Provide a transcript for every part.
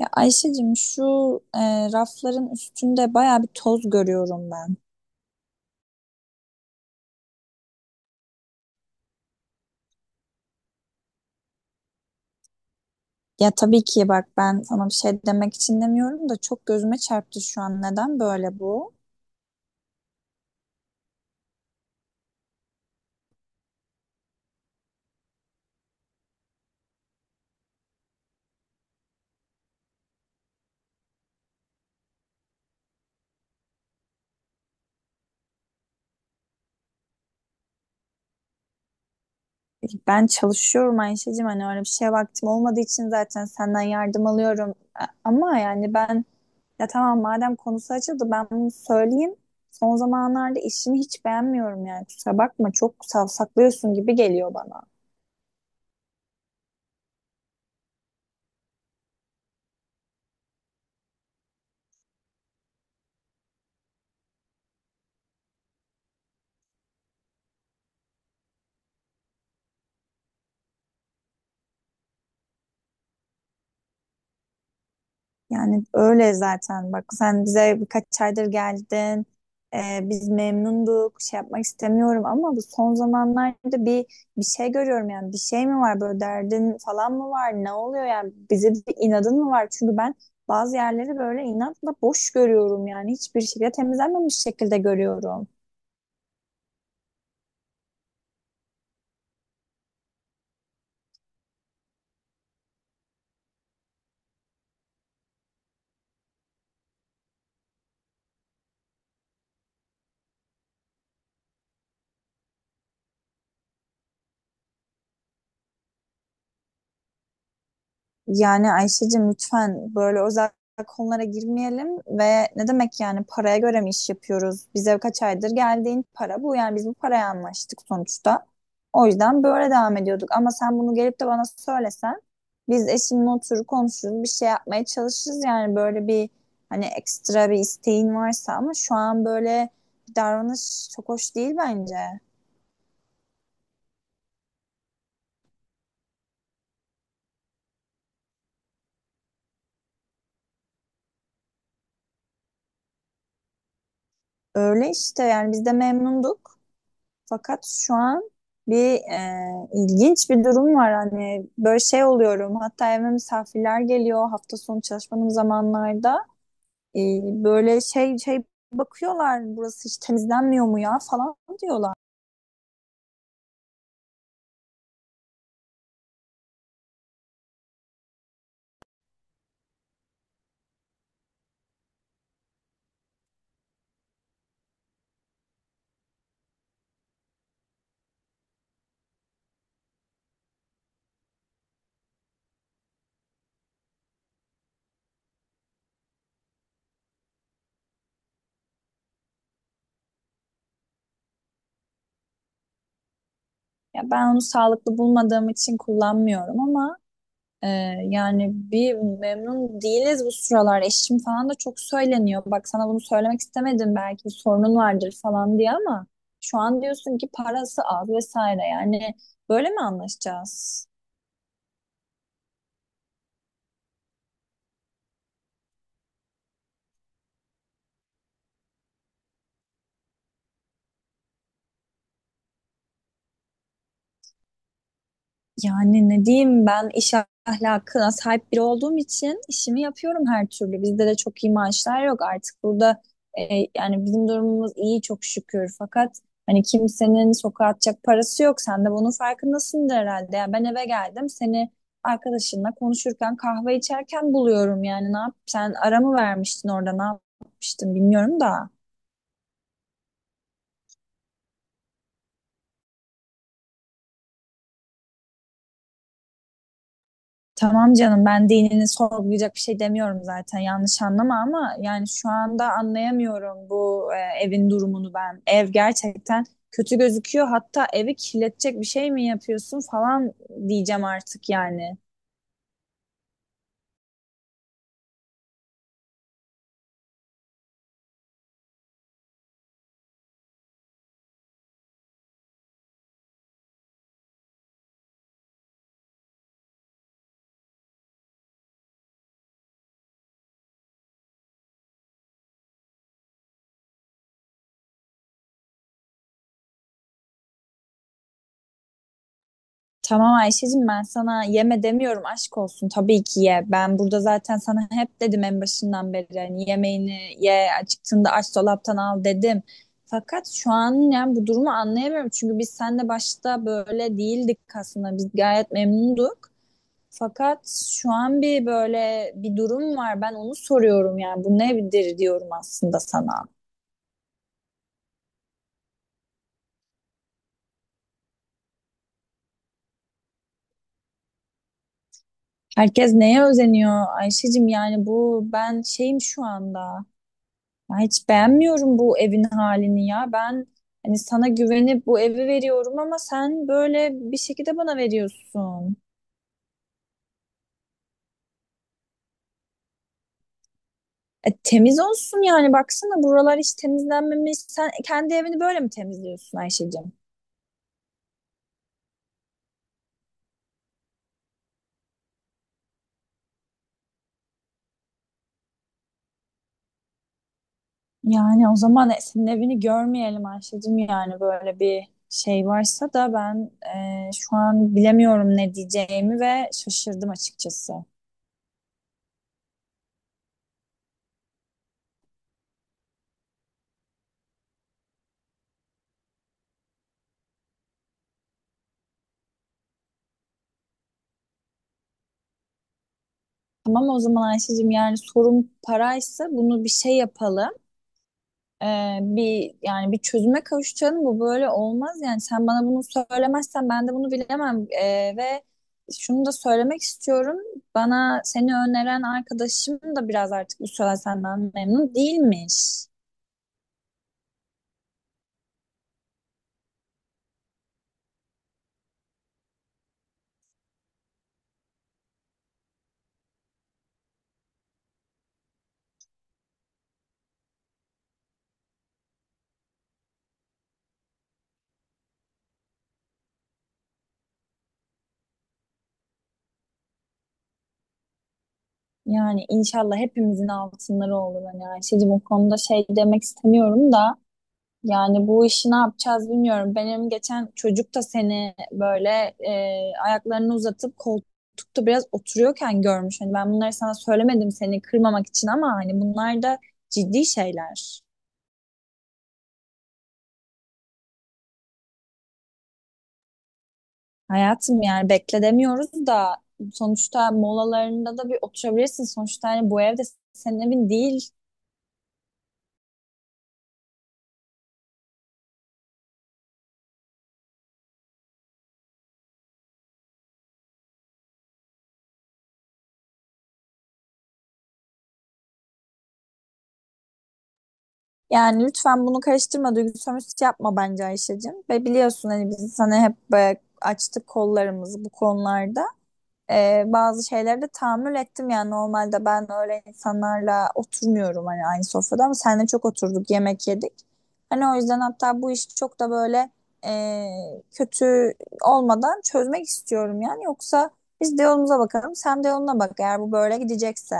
Ya Ayşe'cim şu rafların üstünde baya bir toz görüyorum ben. Ya tabii ki bak, ben sana bir şey demek için demiyorum da çok gözüme çarptı şu an. Neden böyle bu? Ben çalışıyorum Ayşe'cim, hani öyle bir şeye vaktim olmadığı için zaten senden yardım alıyorum. Ama yani ben, tamam, madem konusu açıldı, ben bunu söyleyeyim. Son zamanlarda işimi hiç beğenmiyorum, yani kusura bakma, çok savsaklıyorsun gibi geliyor bana. Yani öyle zaten, bak sen bize birkaç aydır geldin. Biz memnunduk. Şey yapmak istemiyorum ama bu son zamanlarda bir şey görüyorum, yani bir şey mi var, böyle derdin falan mı var? Ne oluyor yani, bize bir inadın mı var? Çünkü ben bazı yerleri böyle inatla boş görüyorum, yani hiçbir şekilde temizlenmemiş şekilde görüyorum. Yani Ayşe'cim, lütfen böyle özel konulara girmeyelim. Ve ne demek yani, paraya göre mi iş yapıyoruz? Bize kaç aydır geldiğin para bu, yani biz bu paraya anlaştık sonuçta. O yüzden böyle devam ediyorduk ama sen bunu gelip de bana söylesen, biz eşimle oturur konuşuruz, bir şey yapmaya çalışırız. Yani böyle bir, hani ekstra bir isteğin varsa ama şu an böyle bir davranış çok hoş değil bence. Öyle işte, yani biz de memnunduk. Fakat şu an bir ilginç bir durum var. Hani böyle şey oluyorum. Hatta evime misafirler geliyor hafta sonu çalışmanın zamanlarda. E, Böyle şey, bakıyorlar, burası hiç temizlenmiyor mu ya falan diyorlar. Ya ben onu sağlıklı bulmadığım için kullanmıyorum ama Ee, yani bir memnun değiliz bu sıralar. Eşim falan da çok söyleniyor. Bak, sana bunu söylemek istemedim, belki bir sorunun vardır falan diye, ama şu an diyorsun ki parası az vesaire. Yani böyle mi anlaşacağız? Yani ne diyeyim, ben iş ahlakına sahip biri olduğum için işimi yapıyorum her türlü. Bizde de çok iyi maaşlar yok artık burada, e, yani bizim durumumuz iyi çok şükür. Fakat hani kimsenin sokağa atacak parası yok. Sen de bunun farkındasındır herhalde. Yani ben eve geldim, seni arkadaşınla konuşurken, kahve içerken buluyorum. Yani ne yap, sen ara mı vermiştin orada, ne yapmıştın bilmiyorum da. Tamam canım, ben dinini sorgulayacak bir şey demiyorum zaten, yanlış anlama, ama yani şu anda anlayamıyorum bu evin durumunu ben. Ev gerçekten kötü gözüküyor, hatta evi kirletecek bir şey mi yapıyorsun falan diyeceğim artık yani. Tamam Ayşe'cim, ben sana yeme demiyorum, aşk olsun, tabii ki ye. Ben burada zaten sana hep dedim en başından beri, hani yemeğini ye, acıktığında aç dolaptan al dedim. Fakat şu an yani bu durumu anlayamıyorum, çünkü biz seninle başta böyle değildik, aslında biz gayet memnunduk. Fakat şu an bir böyle bir durum var, ben onu soruyorum, yani bu nedir diyorum aslında sana. Herkes neye özeniyor Ayşe'cim, yani bu ben şeyim şu anda. Ya hiç beğenmiyorum bu evin halini ya. Ben hani sana güvenip bu evi veriyorum ama sen böyle bir şekilde bana veriyorsun. Temiz olsun yani, baksana buralar hiç temizlenmemiş. Sen kendi evini böyle mi temizliyorsun Ayşe'cim? Yani o zaman senin evini görmeyelim Ayşe'cim. Yani böyle bir şey varsa da ben, şu an bilemiyorum ne diyeceğimi ve şaşırdım açıkçası. Tamam o zaman Ayşe'cim, yani sorun paraysa bunu bir şey yapalım. e, Bir yani bir çözüme kavuşacağını, bu böyle olmaz, yani sen bana bunu söylemezsen ben de bunu bilemem. Ve şunu da söylemek istiyorum, bana seni öneren arkadaşım da biraz artık bu süre senden memnun değilmiş. Yani inşallah hepimizin altınları olur. Hani Ayşe'cim o konuda şey demek istemiyorum da, yani bu işi ne yapacağız bilmiyorum. Benim geçen çocuk da seni böyle e, ayaklarını uzatıp koltukta biraz oturuyorken görmüş. Hani ben bunları sana söylemedim seni kırmamak için, ama hani bunlar da ciddi şeyler. Hayatım, yani bekle demiyoruz da, sonuçta molalarında da bir oturabilirsin. Sonuçta hani bu evde, senin evin değil. Yani lütfen bunu karıştırma, duygusal sömürüsü yapma bence Ayşe'cim. Ve biliyorsun hani biz sana hep böyle açtık kollarımızı bu konularda. Bazı şeyleri de tahammül ettim, yani normalde ben öyle insanlarla oturmuyorum hani aynı sofrada, ama seninle çok oturduk yemek yedik. Hani o yüzden hatta bu işi çok da böyle e, kötü olmadan çözmek istiyorum. Yani yoksa biz de yolumuza bakalım, sen de yoluna bak, eğer bu böyle gidecekse.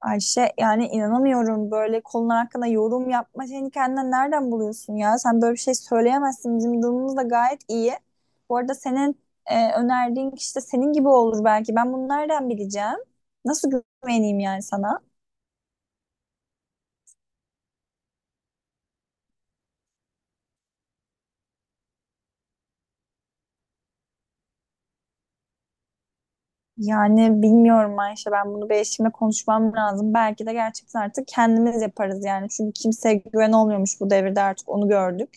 Ayşe yani inanamıyorum, böyle kolun hakkında yorum yapma, seni kendinden nereden buluyorsun ya? Sen böyle bir şey söyleyemezsin. Bizim durumumuz da gayet iyi. Bu arada senin önerdiğin kişi de senin gibi olur belki. Ben bunu nereden bileceğim? Nasıl güveneyim yani sana? Yani bilmiyorum Ayşe, ben bunu bir eşimle konuşmam lazım. Belki de gerçekten artık kendimiz yaparız yani. Çünkü kimseye güven olmuyormuş bu devirde artık, onu gördük.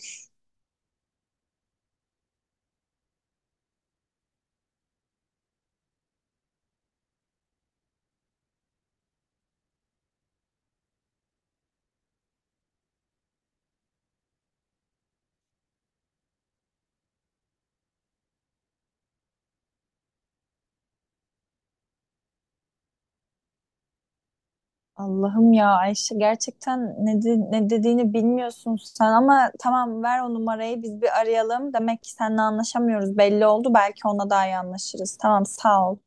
Allah'ım, ya Ayşe gerçekten ne dediğini bilmiyorsun sen, ama tamam, ver o numarayı, biz bir arayalım. Demek ki seninle anlaşamıyoruz belli oldu, belki ona daha iyi anlaşırız. Tamam, sağ ol.